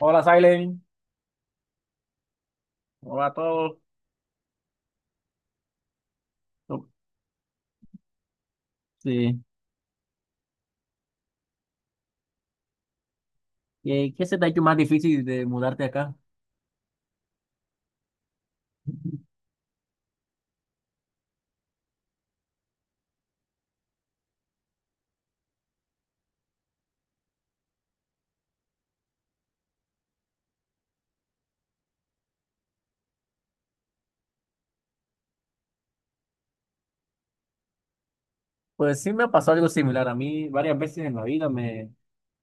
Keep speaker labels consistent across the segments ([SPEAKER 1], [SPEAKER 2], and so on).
[SPEAKER 1] Hola, Silent. Hola a todos. No. Sí. ¿Y qué se te ha hecho más difícil de mudarte acá? Pues sí me ha pasado algo similar a mí. Varias veces en la vida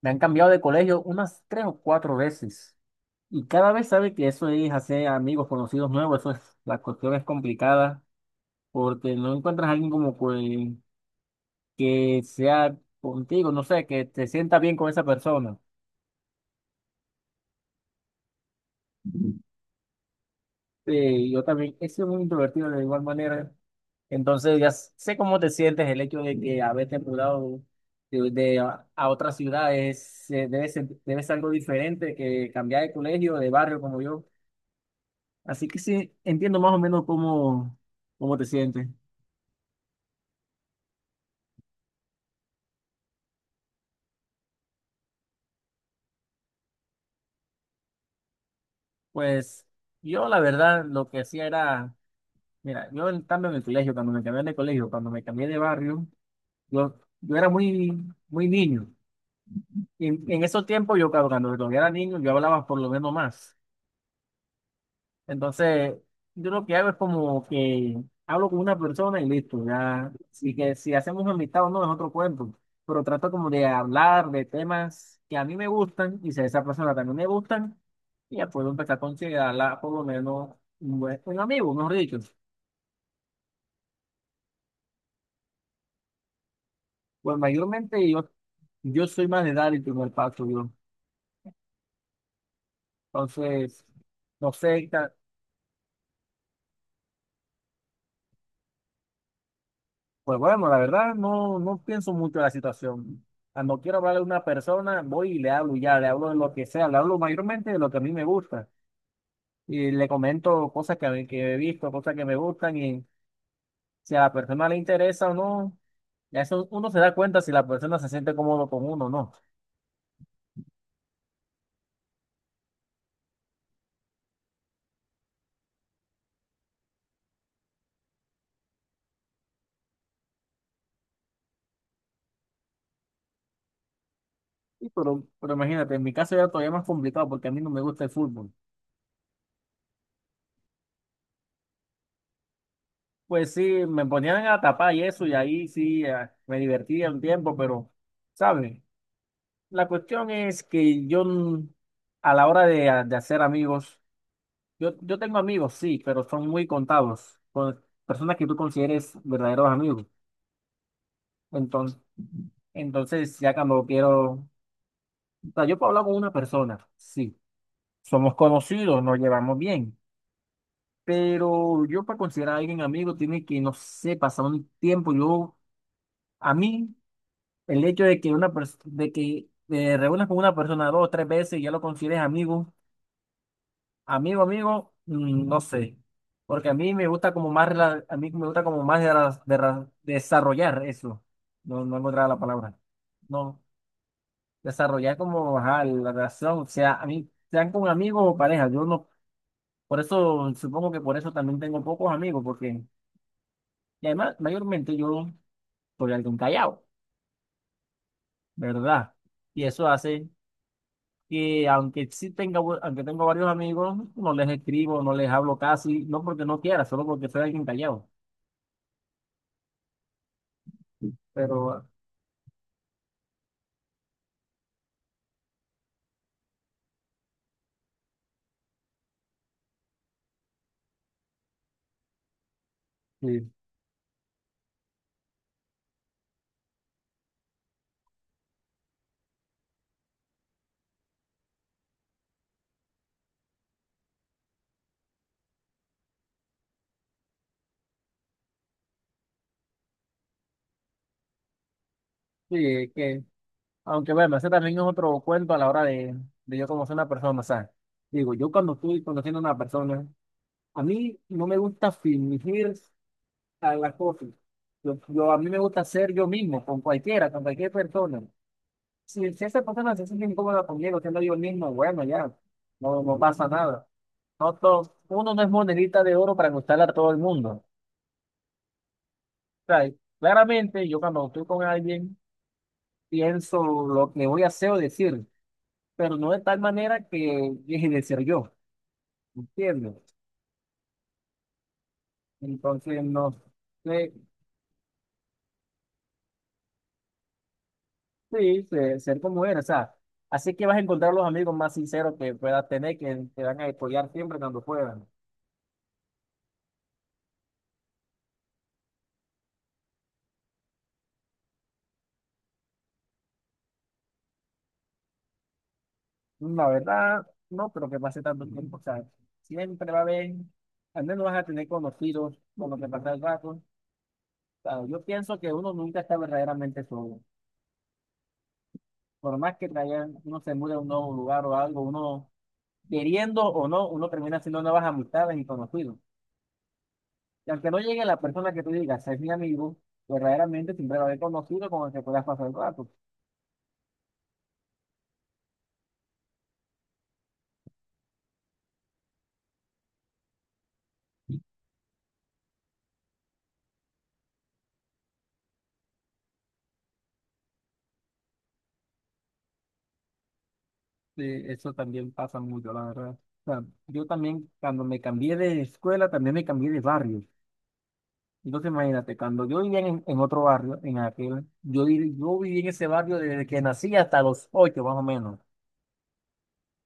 [SPEAKER 1] me han cambiado de colegio unas tres o cuatro veces. Y cada vez sabe que eso es hacer amigos, conocidos nuevos. Eso es, la cuestión es complicada porque no encuentras a alguien como que sea contigo, no sé, que te sienta bien con esa persona. Sí, yo también he sido muy introvertido de igual manera. Entonces ya sé cómo te sientes. El hecho de que haberte mudado a otra ciudad es, debe ser algo diferente que cambiar de colegio, de barrio como yo. Así que sí, entiendo más o menos cómo te sientes. Pues yo la verdad lo que hacía era, mira, yo en cambio en el colegio, cuando me cambié de colegio, cuando me cambié de barrio, yo, yo era muy niño. Y en esos tiempos, yo, claro, cuando todavía era niño, yo hablaba por lo menos más. Entonces, yo lo que hago es como que hablo con una persona y listo, ya. Y que si hacemos amistad o no es otro cuento. Pero trato como de hablar de temas que a mí me gustan y si a esa persona también me gustan, y ya puedo empezar a considerarla por lo menos un amigo, mejor dicho. Pues mayormente yo soy más de dar el primer paso, yo. Entonces, no sé. Pues bueno, la verdad no pienso mucho en la situación. Cuando quiero hablarle a una persona, voy y le hablo y ya, le hablo de lo que sea, le hablo mayormente de lo que a mí me gusta y le comento cosas que he visto, cosas que me gustan y si a la persona le interesa o no, ya eso uno se da cuenta si la persona se siente cómodo con uno o no. Pero imagínate, en mi caso ya todavía más complicado porque a mí no me gusta el fútbol. Pues sí, me ponían a tapar y eso y ahí sí me divertía un tiempo, pero, ¿sabes? La cuestión es que yo, a la hora de hacer amigos, yo tengo amigos, sí, pero son muy contados, con personas que tú consideres verdaderos amigos. Entonces, entonces ya cuando quiero, o sea, yo puedo hablar con una persona, sí, somos conocidos, nos llevamos bien, pero yo para considerar a alguien amigo tiene que, no sé, pasar un tiempo. Yo, a mí, el hecho de que de que te reúnas con una persona dos o tres veces y ya lo consideres amigo. Amigo, amigo, no sé, porque a mí me gusta como más, a mí me gusta como más de desarrollar eso, no, no encontraba la palabra, no, desarrollar como, ajá, la relación, o sea, a mí, sean con amigos o pareja, yo no, por eso, supongo que por eso también tengo pocos amigos, porque, y además, mayormente yo soy alguien callado, ¿verdad? Y eso hace que, aunque sí aunque tengo varios amigos, no les escribo, no les hablo casi, no porque no quiera, solo porque soy alguien callado. Pero sí, sí, es que, aunque bueno, ese también es otro cuento a la hora de yo conocer a una persona, o sea, digo, yo cuando estoy conociendo a una persona, a mí no me gusta fingir a las cosas, a mí me gusta ser yo mismo, con cualquiera, con cualquier persona, si esa persona se siente incómoda conmigo, siendo yo mismo, bueno, ya, no, no pasa nada, uno no es monedita de oro para gustarle a todo el mundo, o sea, claramente yo cuando estoy con alguien, pienso lo que voy a hacer o decir, pero no de tal manera que deje de ser yo, ¿entiendes? Entonces, no sé, sí, ser como eres, o sea, así que vas a encontrar los amigos más sinceros que puedas tener, que te van a apoyar siempre cuando puedan. La verdad, no creo que pase tanto tiempo, o sea, siempre va a haber, al menos vas a tener conocidos con lo que pasa el rato. O sea, yo pienso que uno nunca está verdaderamente solo. Por más que uno se mude a un nuevo lugar o algo, uno queriendo o no, uno termina haciendo nuevas amistades y conocidos. Y aunque no llegue la persona que tú digas, es mi amigo, verdaderamente siempre lo haber conocido con el que puedas pasar el rato. Sí, eso también pasa mucho, la verdad. O sea, yo también, cuando me cambié de escuela, también me cambié de barrio. Entonces, imagínate, cuando yo vivía en otro barrio, en aquel, yo viví en ese barrio desde que nací hasta los ocho, más o menos.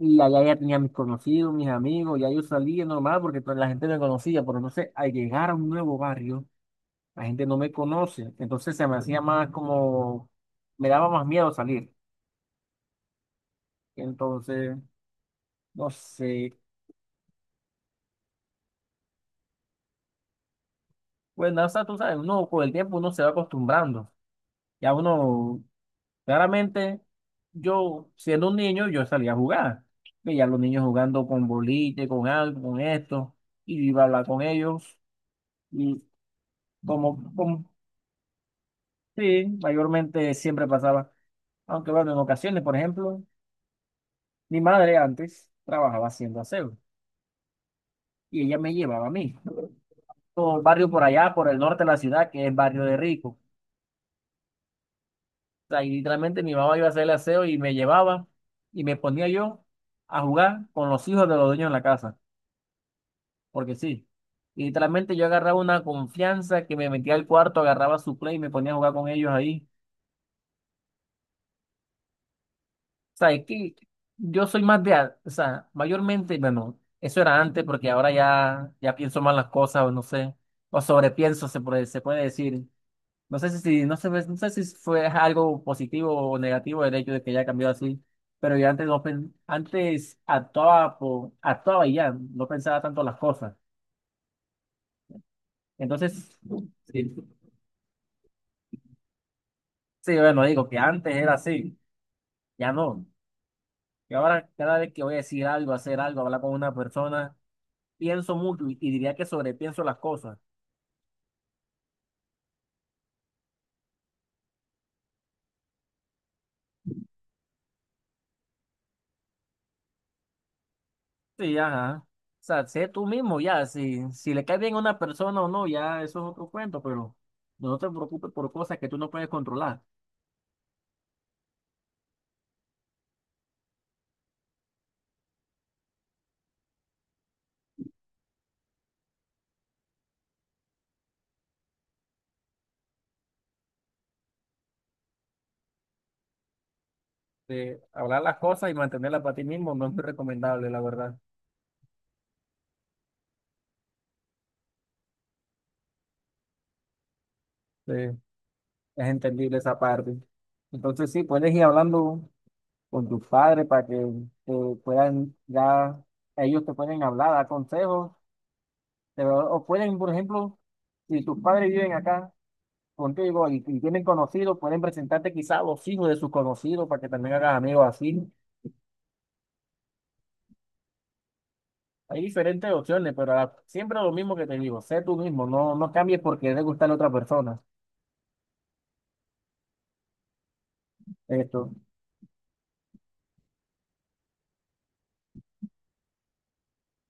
[SPEAKER 1] Y allá ya tenía mis conocidos, mis amigos, ya yo salía normal porque toda la gente me conocía, pero entonces, al llegar a un nuevo barrio, la gente no me conoce, entonces se me hacía más como, me daba más miedo salir. Entonces, no sé, pues nada, o sea, tú sabes, uno con el tiempo uno se va acostumbrando. Ya uno, claramente, yo siendo un niño, yo salía a jugar. Veía a los niños jugando con boliche, con algo, con esto, y yo iba a hablar con ellos. Y como, como, sí, mayormente siempre pasaba. Aunque bueno, en ocasiones, por ejemplo, mi madre antes trabajaba haciendo aseo. Y ella me llevaba a mí. Todo el barrio por allá, por el norte de la ciudad, que es barrio de rico. O sea, y literalmente mi mamá iba a hacer el aseo y me llevaba y me ponía yo a jugar con los hijos de los dueños en la casa, porque sí. Y literalmente yo agarraba una confianza que me metía al cuarto, agarraba su play y me ponía a jugar con ellos ahí. O sea, es que yo soy más de, o sea, mayormente, bueno, eso era antes porque ahora ya, ya pienso mal las cosas o no sé, o sobrepienso se puede decir. No sé si, no sé, no sé si fue algo positivo o negativo el hecho de que ya cambió así, pero yo antes, no pen- antes actuaba, por, actuaba y ya, no pensaba tanto las cosas. Entonces, sí, sí, bueno, digo que antes era así, ya no. Y ahora cada vez que voy a decir algo, hacer algo, hablar con una persona, pienso mucho y diría que sobrepienso las cosas. Sí, ajá. O sea, sé tú mismo ya, si le cae bien a una persona o no, ya eso es otro cuento, pero no te preocupes por cosas que tú no puedes controlar. De hablar las cosas y mantenerlas para ti mismo no es muy recomendable, la verdad. Sí, es entendible esa parte. Entonces, sí, puedes ir hablando con tus padres para que te puedan, ya ellos te pueden hablar, dar consejos, o pueden, por ejemplo, si tus padres viven acá contigo y tienen conocidos, pueden presentarte quizás a los hijos de sus conocidos para que también hagas amigos así. Hay diferentes opciones, pero siempre lo mismo que te digo, sé tú mismo, no, no cambies porque le gusta a la otra persona. Esto.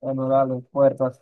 [SPEAKER 1] Honorar a los puertas.